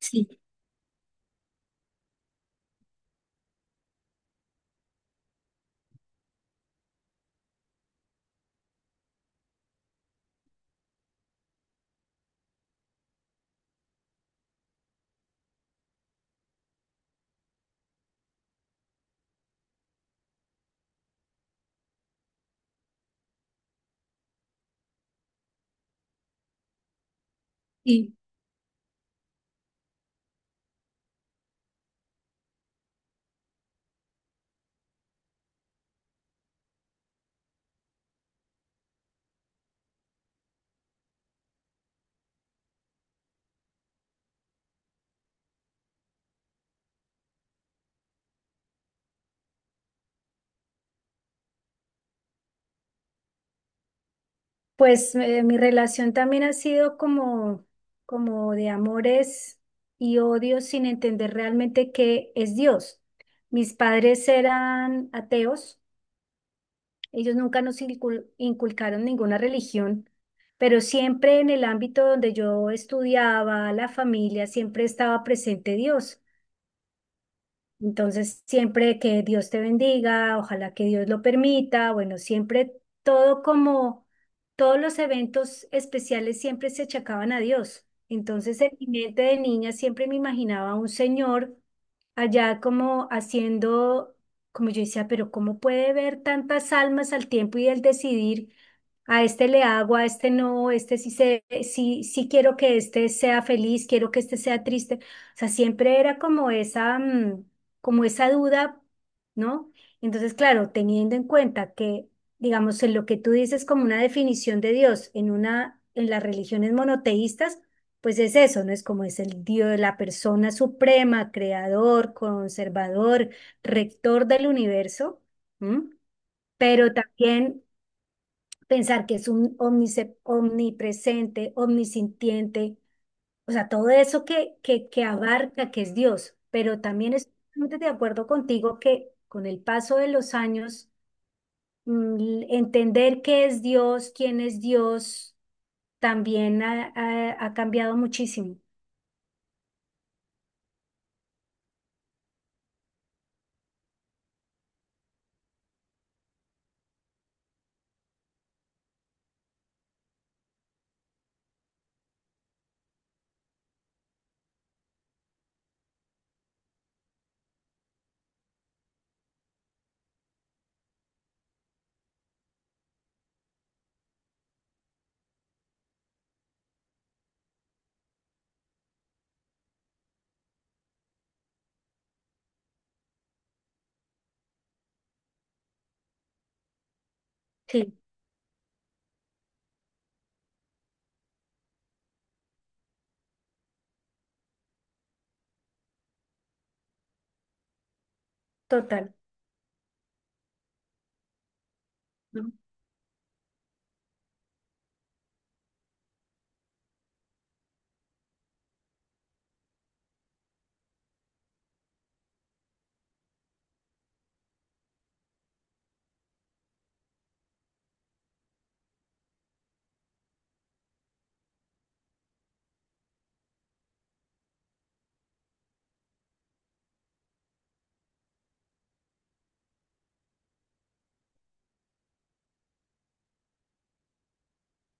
Sí, sí. Pues mi relación también ha sido como, como de amores y odios sin entender realmente qué es Dios. Mis padres eran ateos, ellos nunca nos inculcaron ninguna religión, pero siempre en el ámbito donde yo estudiaba, la familia, siempre estaba presente Dios. Entonces, siempre que Dios te bendiga, ojalá que Dios lo permita, bueno, siempre todo como todos los eventos especiales siempre se achacaban a Dios. Entonces, en mi mente de niña siempre me imaginaba a un señor allá como haciendo, como yo decía, pero ¿cómo puede ver tantas almas al tiempo y el decidir, a este le hago, a este no, este sí, sí, sí quiero que este sea feliz, quiero que este sea triste? O sea, siempre era como esa duda, ¿no? Entonces, claro, teniendo en cuenta que, digamos, en lo que tú dices como una definición de Dios, en las religiones monoteístas, pues es eso, ¿no? Es como es el Dios, la persona suprema, creador, conservador, rector del universo. ¿M? Pero también pensar que es un omnipresente, omnisintiente, o sea, todo eso que abarca, que es Dios, pero también estoy totalmente de acuerdo contigo que con el paso de los años, mm, entender qué es Dios, quién es Dios, también ha cambiado muchísimo. Sí, total. ¿No?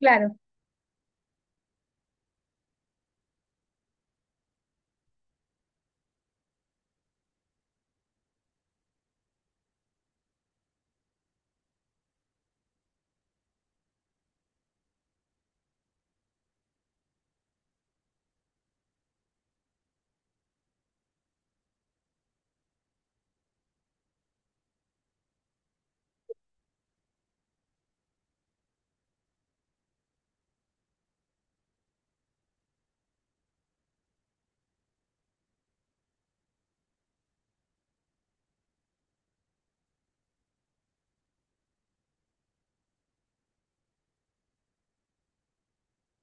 Claro,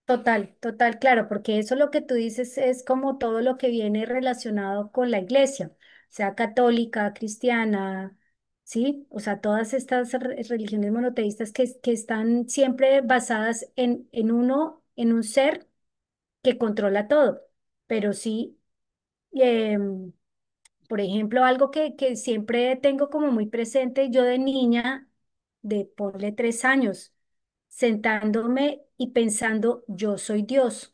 total, total, claro, porque eso lo que tú dices es como todo lo que viene relacionado con la iglesia, sea católica, cristiana, ¿sí? O sea, todas estas religiones monoteístas que están siempre basadas en un ser que controla todo, pero sí. em, Por ejemplo, algo que siempre tengo como muy presente, yo de niña, de ponle 3 años, sentándome y pensando, yo soy Dios.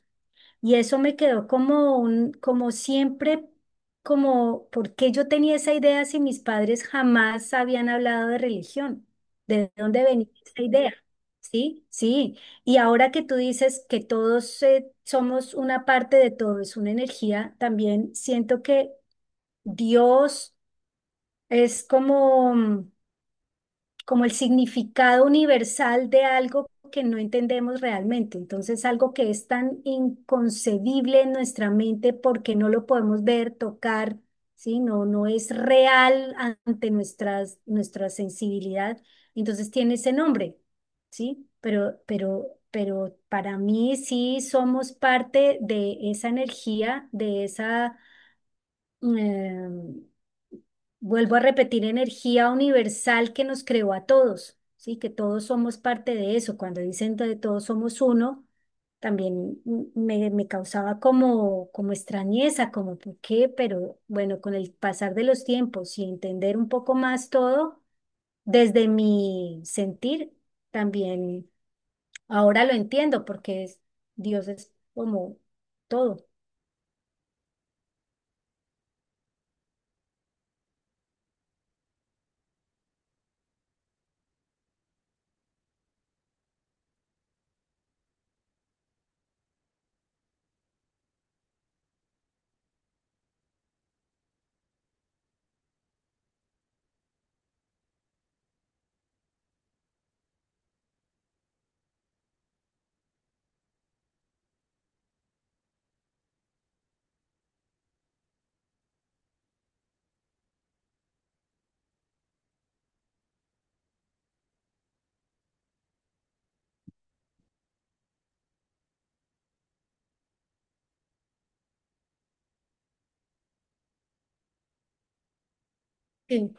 Y eso me quedó como un, como siempre, como, ¿por qué yo tenía esa idea si mis padres jamás habían hablado de religión? ¿De dónde venía esa idea? Sí, sí. Y ahora que tú dices que todos somos una parte de todo, es una energía, también siento que Dios es como el significado universal de algo que no entendemos realmente. Entonces, algo que es tan inconcebible en nuestra mente porque no lo podemos ver, tocar, ¿sí? No, no es real ante nuestra sensibilidad. Entonces, tiene ese nombre, ¿sí? Pero para mí sí somos parte de esa energía, de esa, eh, vuelvo a repetir, energía universal que nos creó a todos, ¿sí? Que todos somos parte de eso. Cuando dicen de todos somos uno, también me causaba como extrañeza, como por qué, pero bueno, con el pasar de los tiempos y entender un poco más todo, desde mi sentir, también ahora lo entiendo, porque Dios es como todo, sí,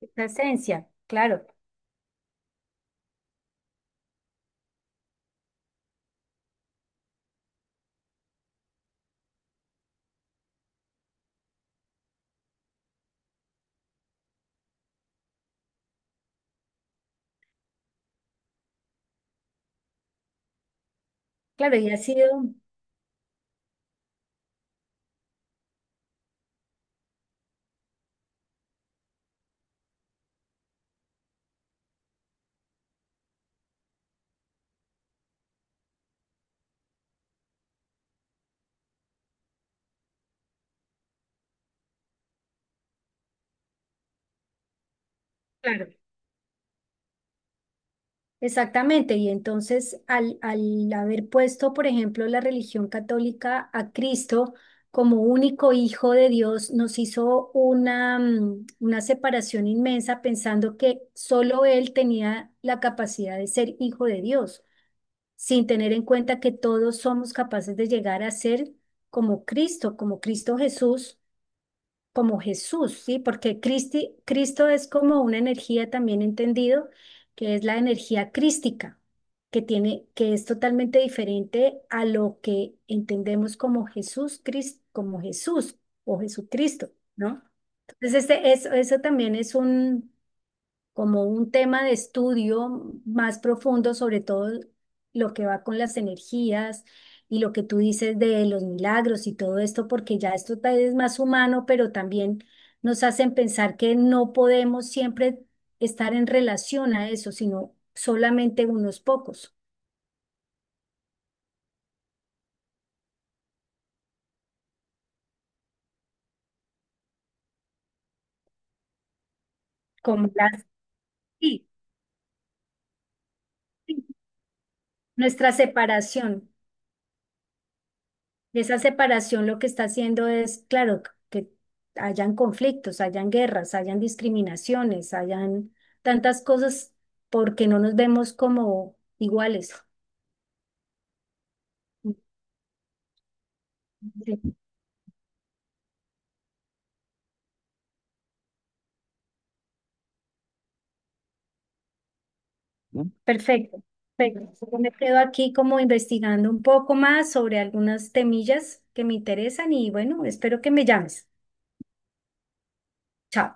esa esencia, claro, claro, y ha sido. Claro, exactamente. Y entonces, al haber puesto, por ejemplo, la religión católica a Cristo como único hijo de Dios, nos hizo una separación inmensa pensando que solo Él tenía la capacidad de ser hijo de Dios, sin tener en cuenta que todos somos capaces de llegar a ser como Cristo Jesús, como Jesús, ¿sí? Porque Cristo es como una energía también entendido, que es la energía crística, que tiene, que es totalmente diferente a lo que entendemos como Jesús, como Jesús o Jesucristo, ¿no? Entonces, este, eso también es un, como un tema de estudio más profundo, sobre todo lo que va con las energías y lo que tú dices de los milagros y todo esto, porque ya esto tal vez es más humano, pero también nos hacen pensar que no podemos siempre estar en relación a eso, sino solamente unos pocos, como las, sí, sí, nuestra separación. Y esa separación lo que está haciendo es, claro, que hayan conflictos, hayan guerras, hayan discriminaciones, hayan tantas cosas porque no nos vemos como iguales. Sí, perfecto, perfecto. Yo me quedo aquí como investigando un poco más sobre algunas temillas que me interesan y bueno, espero que me llames. Chao.